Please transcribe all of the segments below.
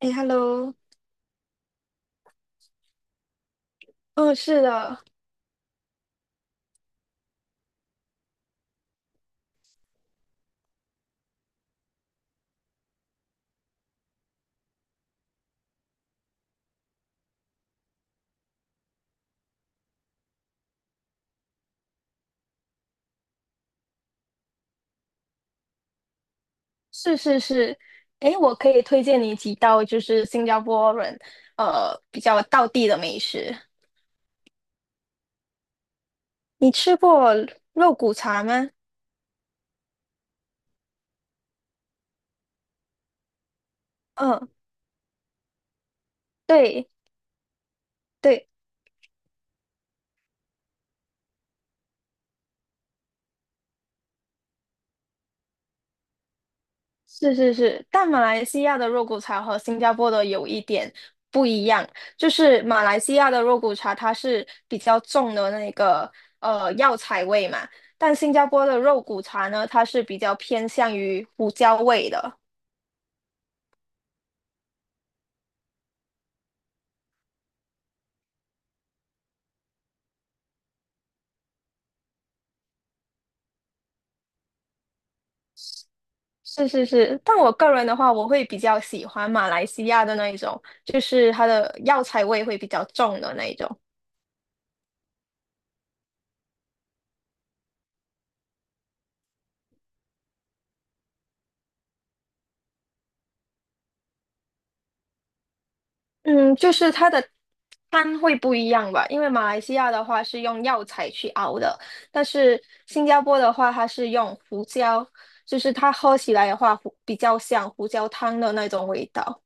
哎，Hello，嗯，是的，是是是，哎，我可以推荐你几道就是新加坡人比较道地的美食。你吃过肉骨茶吗？嗯，对对，是是是，但马来西亚的肉骨茶和新加坡的有一点不一样，就是马来西亚的肉骨茶它是比较重的那个药材味嘛，但新加坡的肉骨茶呢，它是比较偏向于胡椒味的。是是是，但我个人的话，我会比较喜欢马来西亚的那一种，就是它的药材味会比较重的那一种。嗯，就是它的汤会不一样吧，因为马来西亚的话是用药材去熬的，但是新加坡的话它是用胡椒，就是它喝起来的话比较像胡椒汤的那种味道。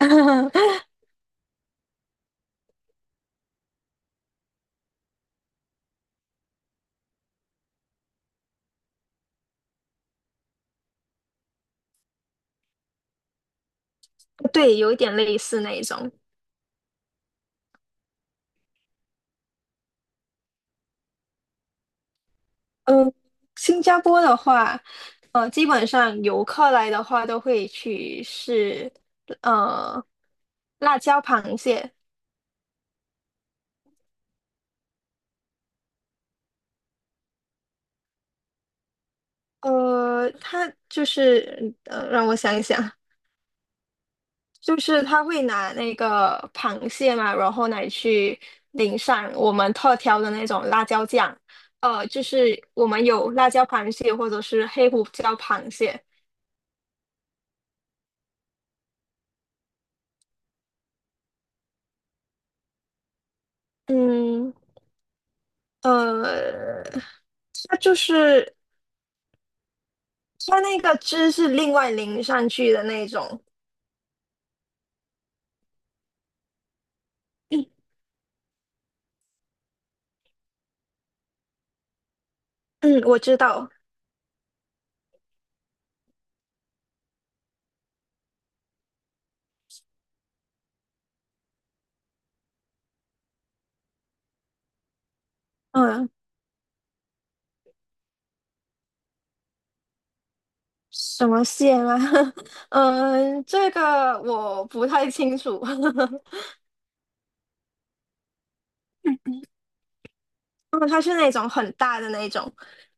对，有一点类似那一种。新加坡的话，基本上游客来的话都会去试，呃，辣椒螃蟹。它就是让我想一想，就是他会拿那个螃蟹嘛，然后来去淋上我们特调的那种辣椒酱。就是我们有辣椒螃蟹或者是黑胡椒螃蟹。嗯，呃，它就是它那个汁是另外淋上去的那种。嗯，我知道。嗯，什么蟹吗？嗯，这个我不太清楚。嗯，它是那种很大的那种。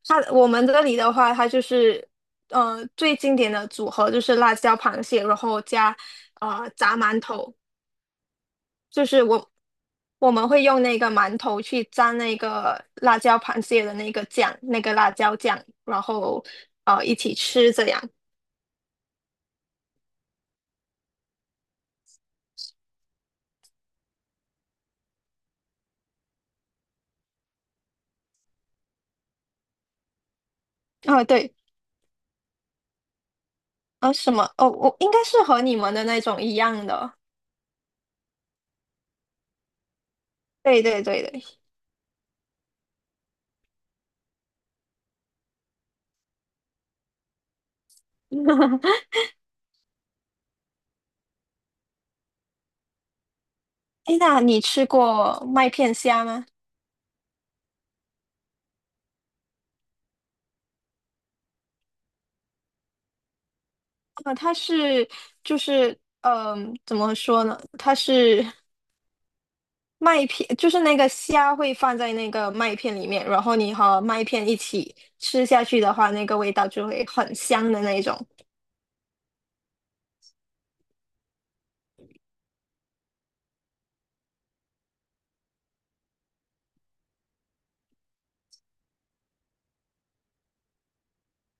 它我们这里的话，它就是最经典的组合就是辣椒螃蟹，然后加炸馒头。就是我们会用那个馒头去沾那个辣椒螃蟹的那个酱，那个辣椒酱，然后一起吃这样。啊，对，啊，什么？哦，我应该是和你们的那种一样的。对对对对。哎，那你吃过麦片虾吗？啊，它是就是嗯、怎么说呢？它是麦片，就是那个虾会放在那个麦片里面，然后你和麦片一起吃下去的话，那个味道就会很香的那一种。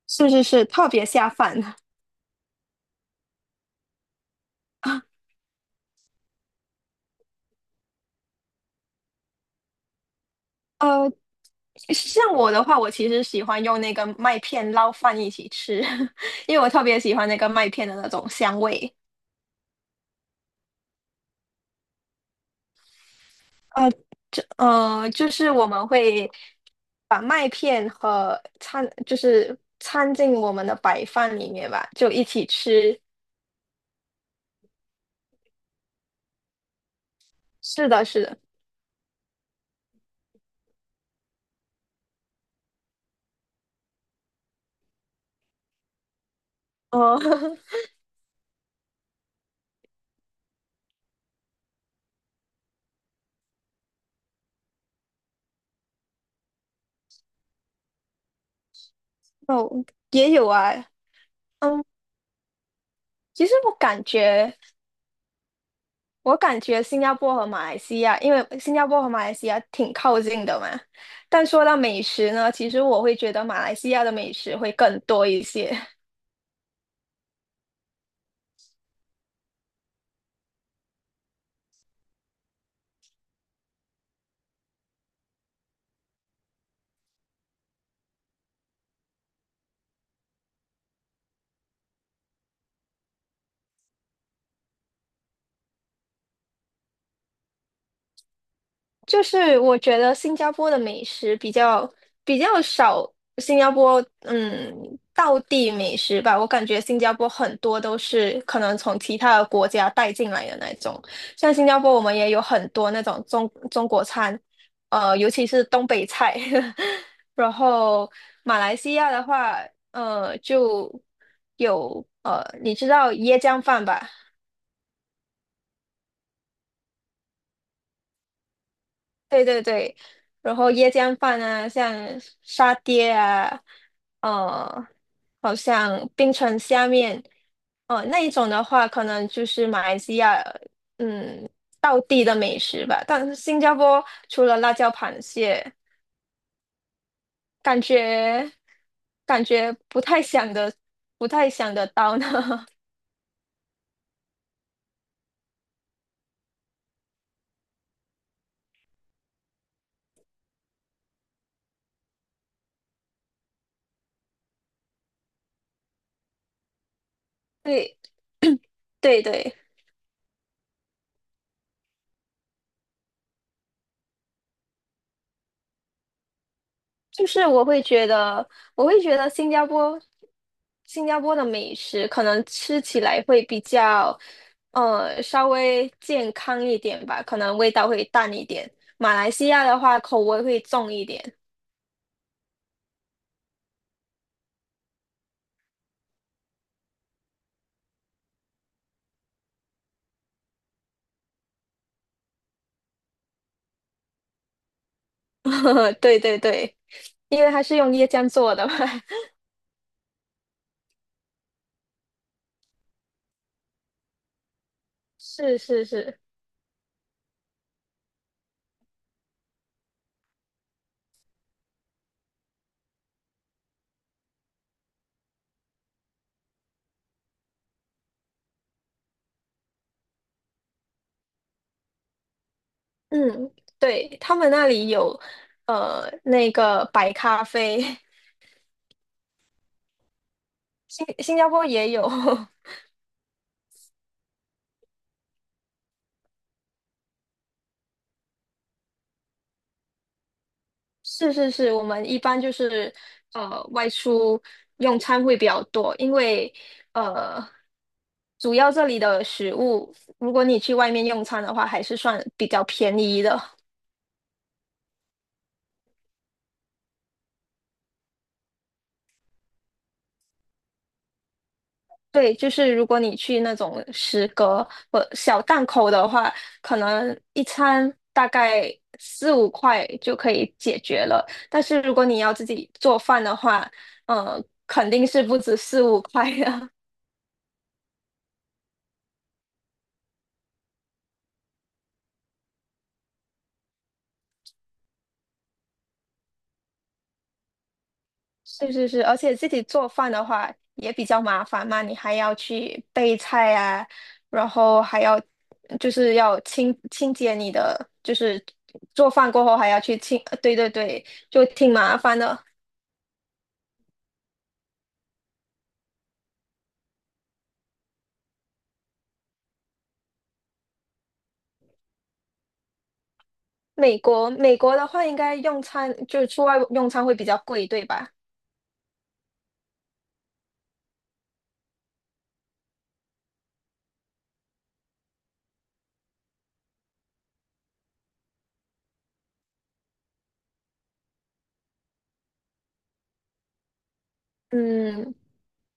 是是是，特别下饭。啊。呃，像我的话，我其实喜欢用那个麦片捞饭一起吃，因为我特别喜欢那个麦片的那种香味。呃就是我们会把麦片和掺，就是掺进我们的白饭里面吧，就一起吃。是的，是的，哦 哦，也有啊，嗯，其实我感觉新加坡和马来西亚，因为新加坡和马来西亚挺靠近的嘛。但说到美食呢，其实我会觉得马来西亚的美食会更多一些。就是我觉得新加坡的美食比较少，新加坡嗯，道地美食吧，我感觉新加坡很多都是可能从其他的国家带进来的那种，像新加坡我们也有很多那种中国餐，呃，尤其是东北菜，然后马来西亚的话，呃，就有你知道椰浆饭吧？对对对，然后椰浆饭啊，像沙爹啊，呃，好像冰城虾面，哦、那一种的话，可能就是马来西亚，嗯，道地的美食吧。但是新加坡除了辣椒螃蟹，感觉感觉不太想的，不太想得到呢。对对对。就是我会觉得，我会觉得新加坡，新加坡的美食可能吃起来会比较，呃，稍微健康一点吧，可能味道会淡一点。马来西亚的话，口味会重一点。对对对，因为它是用椰浆做的嘛。是是是，嗯，对，他们那里有，那个白咖啡，新加坡也有。是是是，我们一般就是外出用餐会比较多，因为呃主要这里的食物，如果你去外面用餐的话，还是算比较便宜的。对，就是如果你去那种食阁或小档口的话，可能一餐大概四五块就可以解决了。但是如果你要自己做饭的话，呃，肯定是不止四五块的。是是是，而且自己做饭的话也比较麻烦嘛，你还要去备菜啊，然后还要就是要清洁你的，就是做饭过后还要去清，呃对对对，就挺麻烦的。美国的话，应该用餐就是出外用餐会比较贵，对吧？嗯，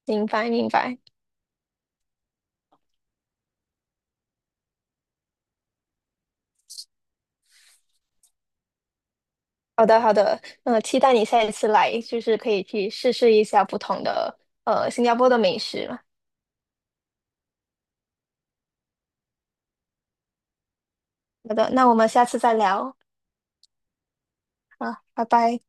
明白明白。好的好的，期待你下一次来，就是可以去试试一下不同的新加坡的美食。好的，那我们下次再聊。啊，拜拜。